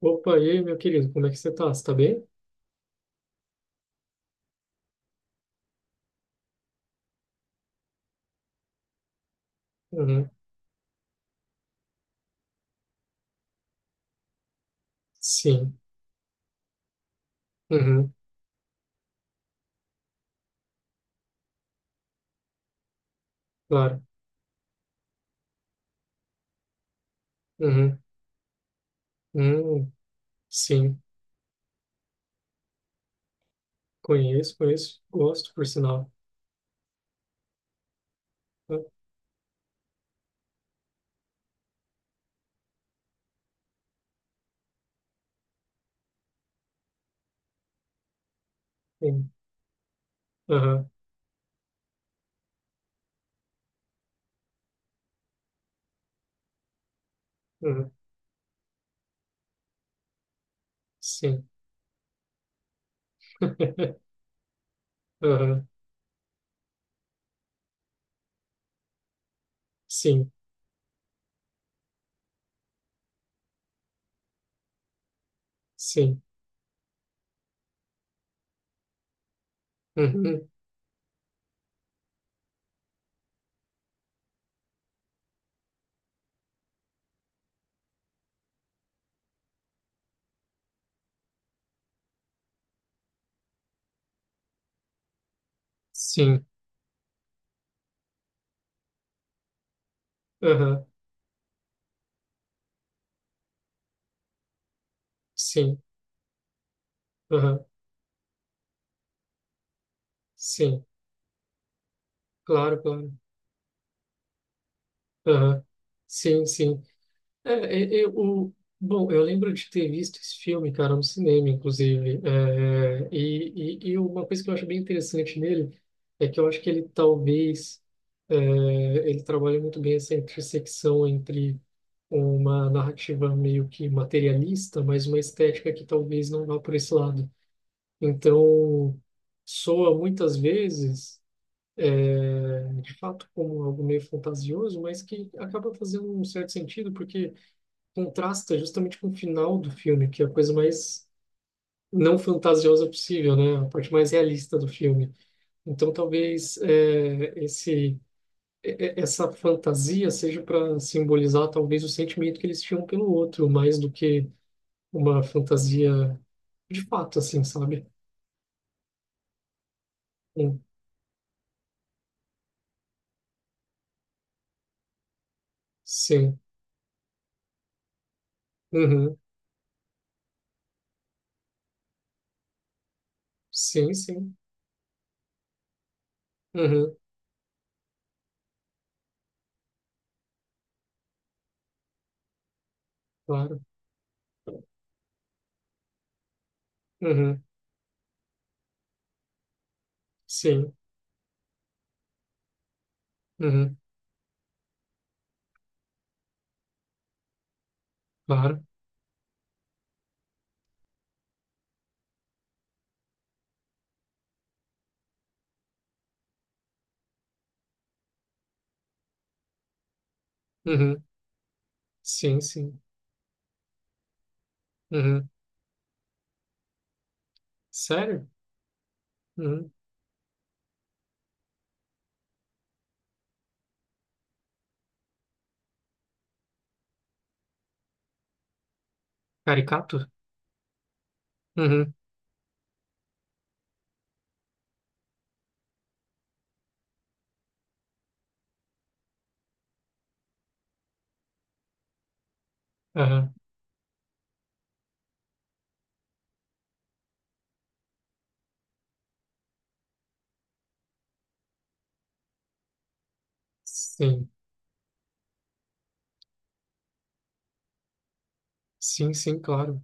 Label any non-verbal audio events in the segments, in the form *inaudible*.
Opa, e aí, meu querido, como é que você tá? Você tá bem? Uhum. Sim. Uhum. Claro. Uhum. Hum. Sim. Conheço, conheço. Gosto, por sinal. Ah, sim. Uhum. Uhum. Sim. *laughs* Uhum. Sim. Sim. Uhum. Sim. Uhum. Sim. Uhum. Sim. Claro, claro. Uhum. Sim, sim. É, eu, o, bom, eu lembro de ter visto esse filme, cara, no cinema, inclusive. Uma coisa que eu acho bem interessante nele é que eu acho que ele talvez é, ele trabalha muito bem essa intersecção entre uma narrativa meio que materialista, mas uma estética que talvez não vá por esse lado. Então, soa muitas vezes, é, de fato, como algo meio fantasioso, mas que acaba fazendo um certo sentido, porque contrasta justamente com o final do filme, que é a coisa mais não fantasiosa possível, né? A parte mais realista do filme. Então, talvez esse essa fantasia seja para simbolizar talvez o sentimento que eles tinham pelo outro, mais do que uma fantasia de fato, assim, sabe? Hum, Sim. Uhum. Sim, sim. Uhum. Claro. Uhum. Sim. Uhum. Claro. Uhum. Sim, sim. Uhum. Sério? Uhum. Caricato? Uhum. Aham, sim, sim, sim, claro.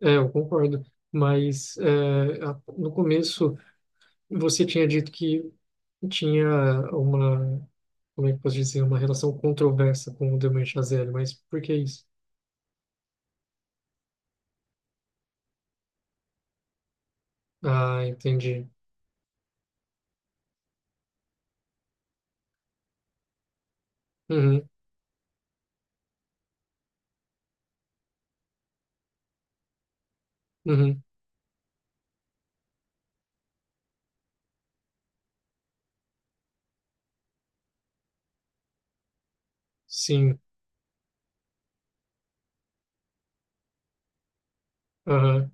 É, eu concordo. Mas é, no começo você tinha dito que tinha uma, como é que eu posso dizer, uma relação controversa com o Damien Chazelle, mas por que isso? Ah, entendi. Uhum, uhum, sim, aham,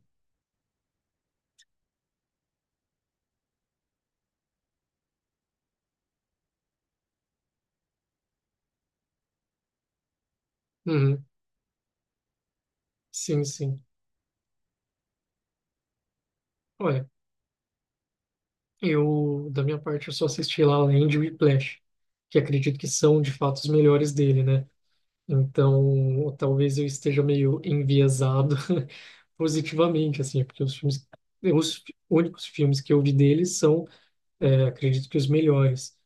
uhum, sim, sim. Olha, eu, da minha parte, eu só assisti La La Land e Whiplash, que acredito que são, de fato, os melhores dele, né? Então, talvez eu esteja meio enviesado *laughs* positivamente, assim, porque os filmes, únicos filmes que eu vi dele são, é, acredito que os melhores.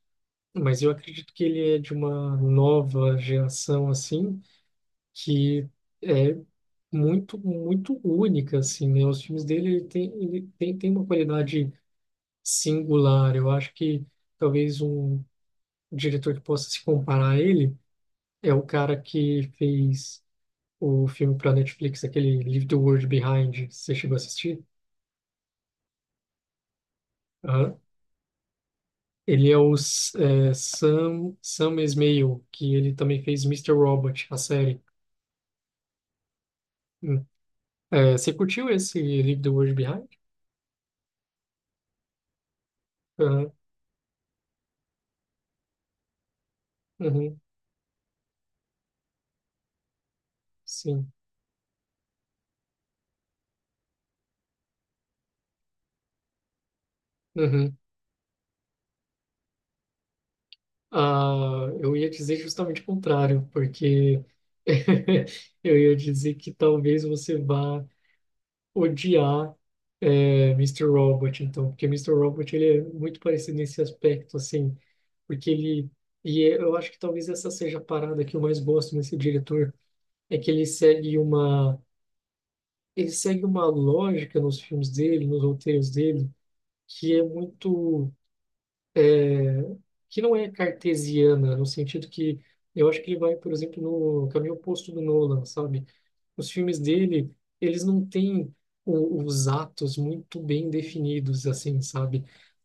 Mas eu acredito que ele é de uma nova geração, assim, que é muito, muito única, assim, né? Os filmes dele, tem uma qualidade singular. Eu acho que talvez um diretor que possa se comparar a ele é o cara que fez o filme para Netflix, aquele Leave the World Behind, você chegou a assistir? Aham. Ele é o S- É, Sam Esmail, que ele também fez Mr. Robot, a série. Hum. É, você curtiu esse Leave the World Behind? Aham. Uhum. Sim. Uhum. Ah, eu ia dizer justamente o contrário, porque *laughs* eu ia dizer que talvez você vá odiar é, Mr. Robot, então, porque Mister Robot ele é muito parecido nesse aspecto, assim, porque eu acho que talvez essa seja a parada que eu mais gosto nesse diretor, é que ele segue uma lógica nos filmes dele, nos roteiros dele, que é muito que não é cartesiana, no sentido que eu acho que ele vai, por exemplo, no caminho oposto do Nolan, sabe? Os filmes dele, eles não têm os atos muito bem definidos, assim, sabe?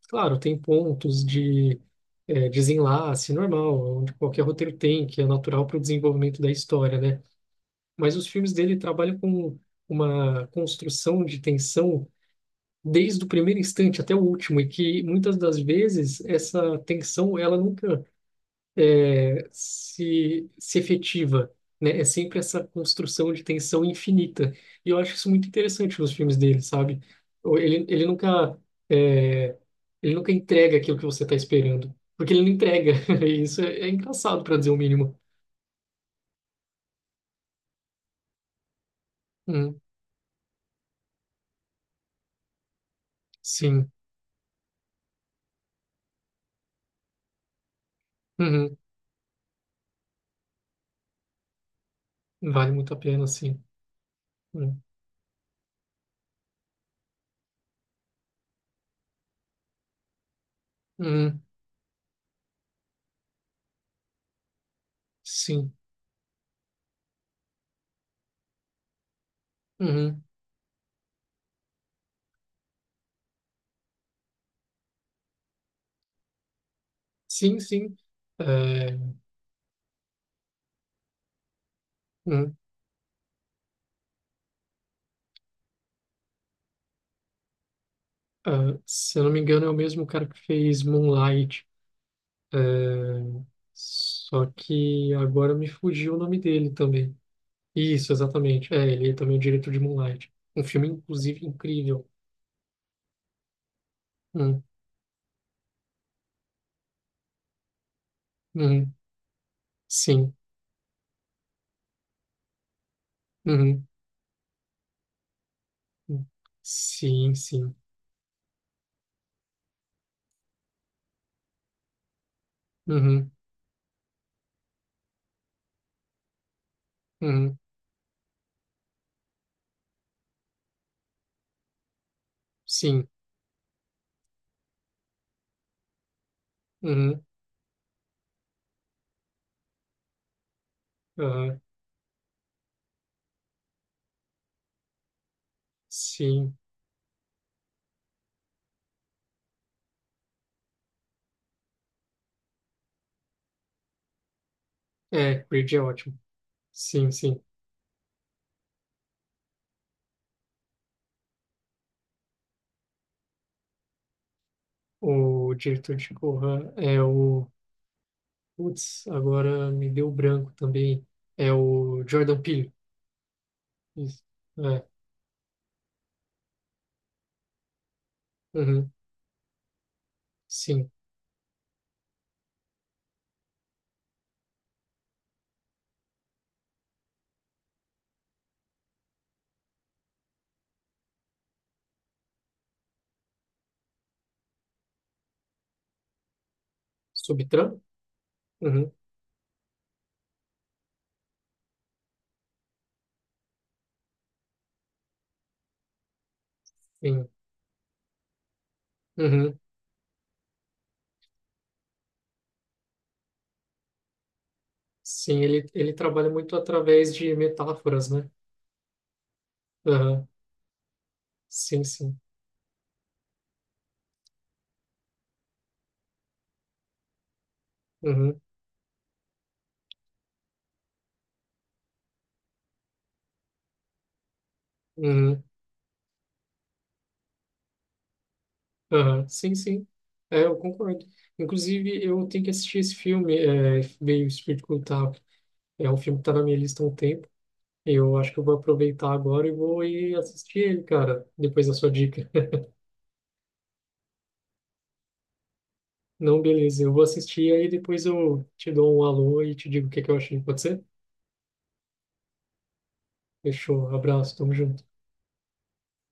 Claro, tem pontos de é, desenlace normal, onde qualquer roteiro tem, que é natural para o desenvolvimento da história, né? Mas os filmes dele trabalham com uma construção de tensão desde o primeiro instante até o último, e que muitas das vezes essa tensão ela nunca se efetiva, né? É sempre essa construção de tensão infinita. E eu acho isso muito interessante nos filmes dele, sabe? Ou Ele nunca, é, Ele nunca entrega aquilo que você está esperando, porque ele não entrega. *laughs* E isso é, é engraçado, para dizer o mínimo. Hum, sim. Uhum. Vale muito a pena, sim. Hum, uhum. Sim. Uhum. Sim, sim. É, hum. Ah, se eu não me engano, é o mesmo cara que fez Moonlight. É, só que agora me fugiu o nome dele também. Isso, exatamente. É, ele é também o diretor de Moonlight. Um filme, inclusive, incrível. Hum, uhum, sim. Uhum, uhum, sim, sim. Uhum, uhum, sim. Uhum, aham, sim. É, Creed é ótimo. Sim, sim. O diretor de Corra é o. Putz, agora me deu branco também. É o Jordan Peele. Isso. É. Uhum, sim. Subtran? Uhum, sim. Uhum. Sim, ele trabalha muito através de metáforas, né? Aham, sim, sim. Uhum, uhum, aham, sim, sim. É, eu concordo. Inclusive, eu tenho que assistir esse filme, é, veio Espírito Cultável. É um filme que tá na minha lista há um tempo. Eu acho que eu vou aproveitar agora e vou ir assistir ele, cara, depois da sua dica. *laughs* Não, beleza. Eu vou assistir aí depois eu te dou um alô e te digo o que que eu achei. Pode ser? Fechou. Abraço. Tamo junto.